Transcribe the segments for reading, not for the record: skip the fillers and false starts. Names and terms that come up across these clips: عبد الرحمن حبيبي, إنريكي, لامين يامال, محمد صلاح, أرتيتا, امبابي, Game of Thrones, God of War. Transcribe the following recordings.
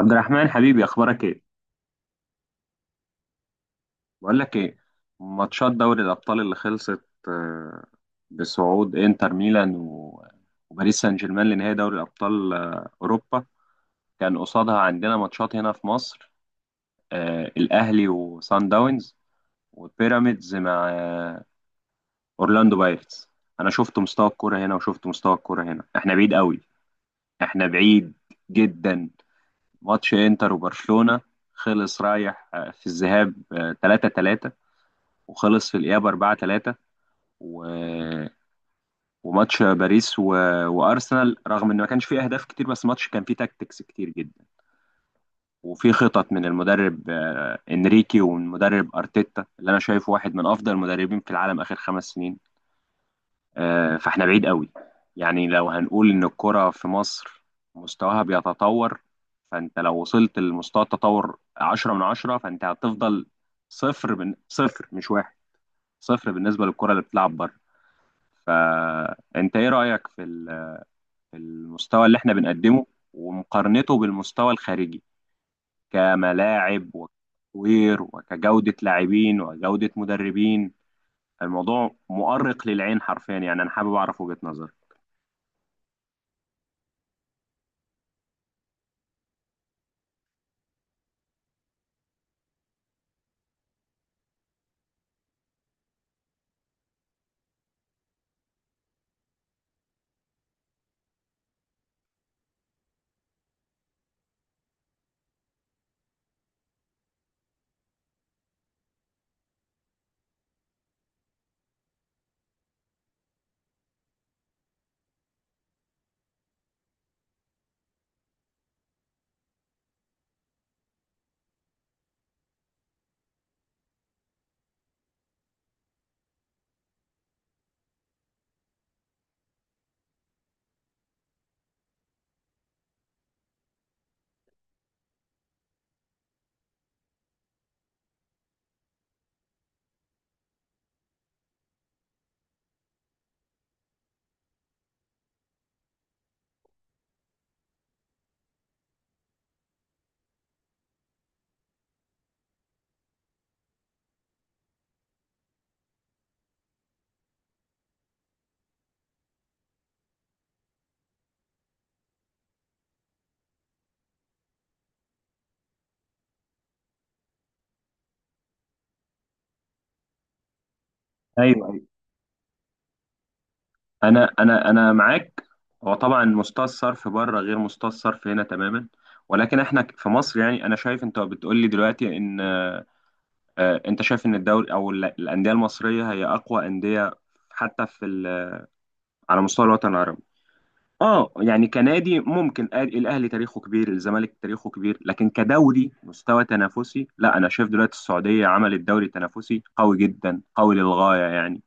عبد الرحمن، حبيبي، اخبارك ايه؟ بقول لك ايه. ماتشات دوري الابطال اللي خلصت بصعود انتر ميلان و- وباريس سان جيرمان لنهائي دوري الابطال اوروبا، كان قصادها عندنا ماتشات هنا في مصر. الاهلي وسان داونز، وبيراميدز مع اورلاندو بايرتس. انا شفت مستوى الكوره هنا وشفت مستوى الكوره هنا، احنا بعيد قوي، احنا بعيد جدا. ماتش انتر وبرشلونه خلص رايح في الذهاب 3-3، وخلص في الإياب 4-3، و... وماتش باريس و... وأرسنال، رغم إن ما كانش فيه أهداف كتير، بس ماتش كان فيه تاكتكس كتير جدا وفي خطط من المدرب إنريكي، ومن مدرب أرتيتا اللي أنا شايفه واحد من أفضل المدربين في العالم آخر خمس سنين. فإحنا بعيد قوي. يعني لو هنقول إن الكرة في مصر مستواها بيتطور، فأنت لو وصلت لمستوى التطور 10 من 10، فأنت هتفضل صفر من صفر، مش واحد، صفر بالنسبة للكرة اللي بتلعب بره. فانت ايه رأيك في المستوى اللي احنا بنقدمه ومقارنته بالمستوى الخارجي، كملاعب وكتطوير وكجودة لاعبين وجودة مدربين؟ الموضوع مؤرق للعين حرفيا، يعني انا حابب اعرف وجهة نظرك. ايوه، ايوه. انا معاك. هو طبعا مستوى الصرف بره غير مستوى الصرف هنا تماما، ولكن احنا في مصر، يعني انا شايف انت بتقول لي دلوقتي ان انت شايف ان الدوري او الانديه المصريه هي اقوى انديه حتى في ال على مستوى الوطن العربي. اه، يعني كنادي ممكن، الاهلي تاريخه كبير، الزمالك تاريخه كبير، لكن كدوري مستوى تنافسي لا. انا شايف دلوقتي السعوديه عملت دوري تنافسي قوي جدا، قوي للغايه يعني.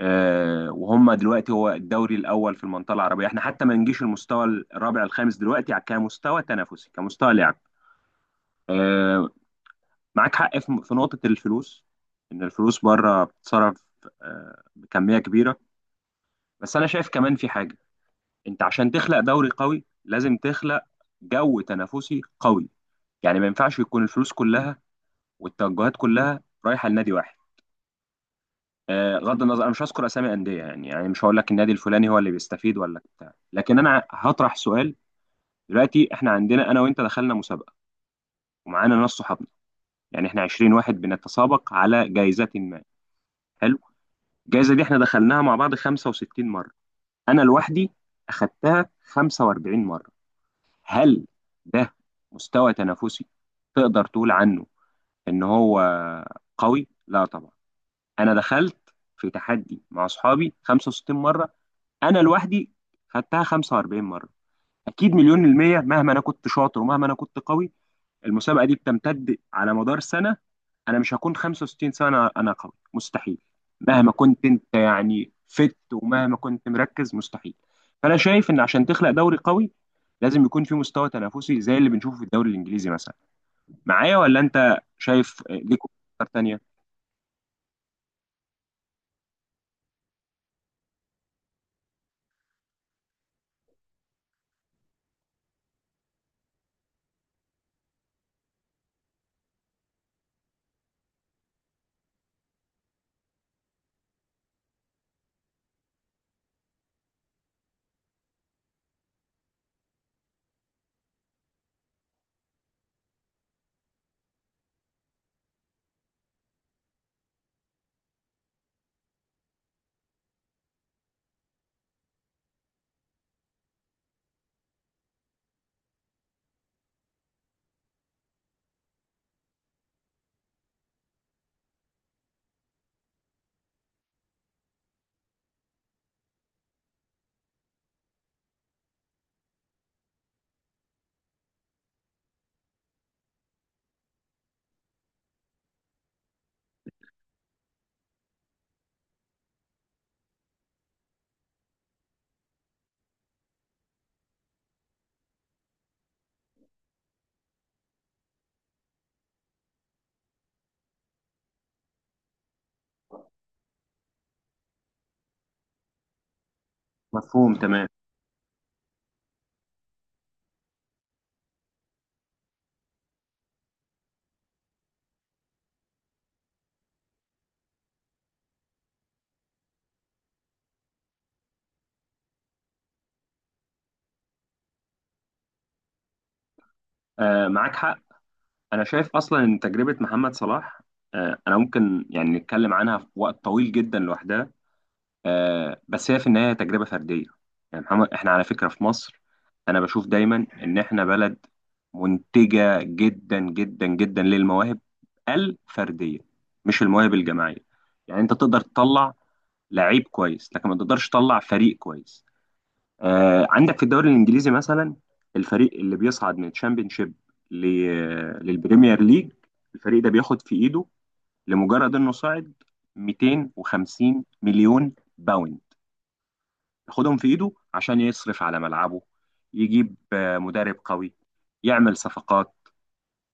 آه، وهم دلوقتي هو الدوري الاول في المنطقه العربيه. احنا حتى ما نجيش المستوى الرابع الخامس دلوقتي، كمستوى تنافسي كمستوى لعب. آه، معاك حق في نقطه الفلوس، ان الفلوس بره بتتصرف آه بكميه كبيره. بس انا شايف كمان في حاجه، انت عشان تخلق دوري قوي لازم تخلق جو تنافسي قوي. يعني ما ينفعش يكون الفلوس كلها والتوجهات كلها رايحه لنادي واحد. غض النظر، انا مش هذكر اسامي انديه، يعني مش هقول لك النادي الفلاني هو اللي بيستفيد ولا بتاع، لكن انا هطرح سؤال. دلوقتي احنا عندنا، انا وانت دخلنا مسابقه ومعانا ناس صحابنا، يعني احنا 20 واحد بنتسابق على جائزه ما، حلو. الجائزه دي احنا دخلناها مع بعض 65 مره، انا لوحدي اخدتها 45 مره. هل ده مستوى تنافسي تقدر تقول عنه ان هو قوي؟ لا طبعا. انا دخلت في تحدي مع اصحابي 65 مره، انا لوحدي خدتها 45 مره، اكيد مليون المية، مهما انا كنت شاطر ومهما انا كنت قوي. المسابقه دي بتمتد على مدار سنه، انا مش هكون 65 سنه انا قوي، مستحيل. مهما كنت انت يعني فت ومهما كنت مركز، مستحيل. فانا شايف ان عشان تخلق دوري قوي لازم يكون في مستوى تنافسي زي اللي بنشوفه في الدوري الانجليزي مثلا. معايا ولا انت شايف ليك افكار تانية؟ مفهوم تمام. آه، معاك حق. انا شايف اصلا ان تجربه محمد صلاح، آه، انا ممكن يعني نتكلم عنها في وقت طويل جدا لوحدها. آه، بس هي في النهاية تجربة فردية. يعني محمد، احنا على فكرة في مصر، انا بشوف دايما ان احنا بلد منتجة جدا جدا جدا للمواهب الفردية، مش المواهب الجماعية. يعني انت تقدر تطلع لعيب كويس، لكن ما تقدرش تطلع فريق كويس. آه، عندك في الدوري الانجليزي مثلا، الفريق اللي بيصعد من الشامبيونشيب ل- للبريمير ليج، الفريق ده بياخد في ايده، لمجرد انه صعد، 250 مليون باوند، ياخدهم في ايده عشان يصرف على ملعبه، يجيب مدرب قوي، يعمل صفقات،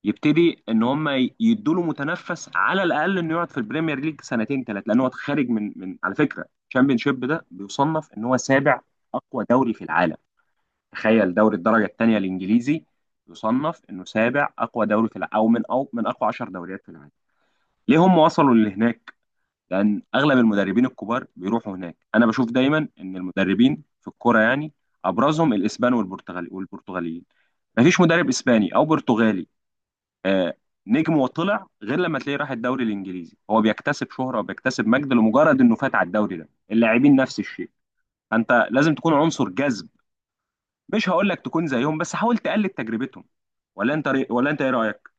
يبتدي ان هم يدوا له متنفس على الاقل انه يقعد في البريمير ليج سنتين ثلاثه، لان هو خارج من على فكره الشامبيونشيب ده بيصنف ان هو سابع اقوى دوري في العالم. تخيل دوري الدرجه الثانيه الانجليزي يصنف انه سابع اقوى دوري في العالم، او من اقوى 10 دوريات في العالم. ليه هم وصلوا لهناك؟ لان اغلب المدربين الكبار بيروحوا هناك. انا بشوف دايما ان المدربين في الكوره يعني ابرزهم الاسبان والبرتغالي والبرتغاليين، مفيش مدرب اسباني او برتغالي آه نجم وطلع غير لما تلاقيه راح الدوري الانجليزي، هو بيكتسب شهره وبيكتسب مجد لمجرد انه فات على الدوري ده. اللاعبين نفس الشيء، فانت لازم تكون عنصر جذب، مش هقول لك تكون زيهم بس حاول تقلد تجربتهم. ولا انت ايه رايك؟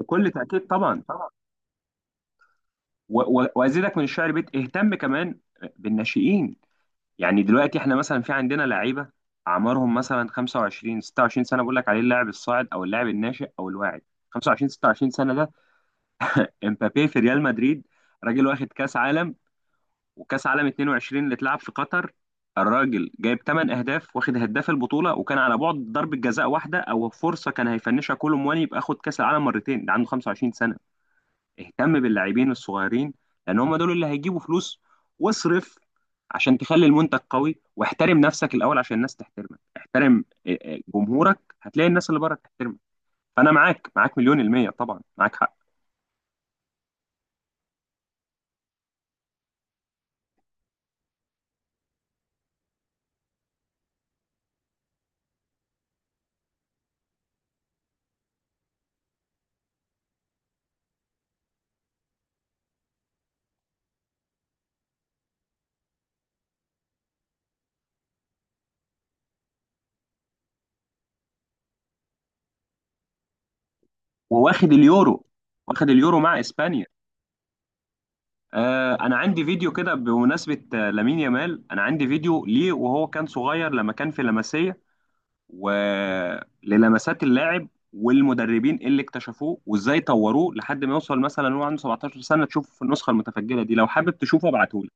بكل تاكيد، طبعا طبعا. و... و... وازيدك من الشعر بيت، اهتم كمان بالناشئين. يعني دلوقتي احنا مثلا في عندنا لعيبه اعمارهم مثلا 25 26 سنه، بقول لك عليه اللاعب الصاعد او اللاعب الناشئ او الواعد. 25 26 سنه ده امبابي في ريال مدريد، راجل واخد كاس عالم، وكاس عالم 22 اللي اتلعب في قطر الراجل جايب 8 اهداف واخد هداف البطوله، وكان على بعد ضربه جزاء واحده او فرصه كان هيفنشها كولو مواني يبقى اخد كاس العالم مرتين، ده عنده 25 سنه. اهتم باللاعبين الصغيرين، لان هم دول اللي هيجيبوا فلوس. واصرف عشان تخلي المنتج قوي، واحترم نفسك الاول عشان الناس تحترمك. احترم جمهورك، هتلاقي الناس اللي بره تحترمك. فانا معاك، معاك مليون المية، طبعا معاك حق. وواخد اليورو، واخد اليورو مع اسبانيا. آه، انا عندي فيديو كده بمناسبة لامين يامال، انا عندي فيديو ليه وهو كان صغير لما كان في لاماسيا، وللمسات اللاعب والمدربين اللي اكتشفوه وازاي طوروه لحد ما يوصل، مثلا هو عنده 17 سنة. تشوف النسخة المتفجلة دي، لو حابب تشوفه ابعتهولك.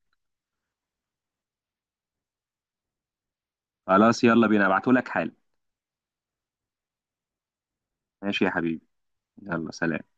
خلاص، يلا بينا، ابعتهولك حالا. ماشي يا حبيبي، يلا سلام.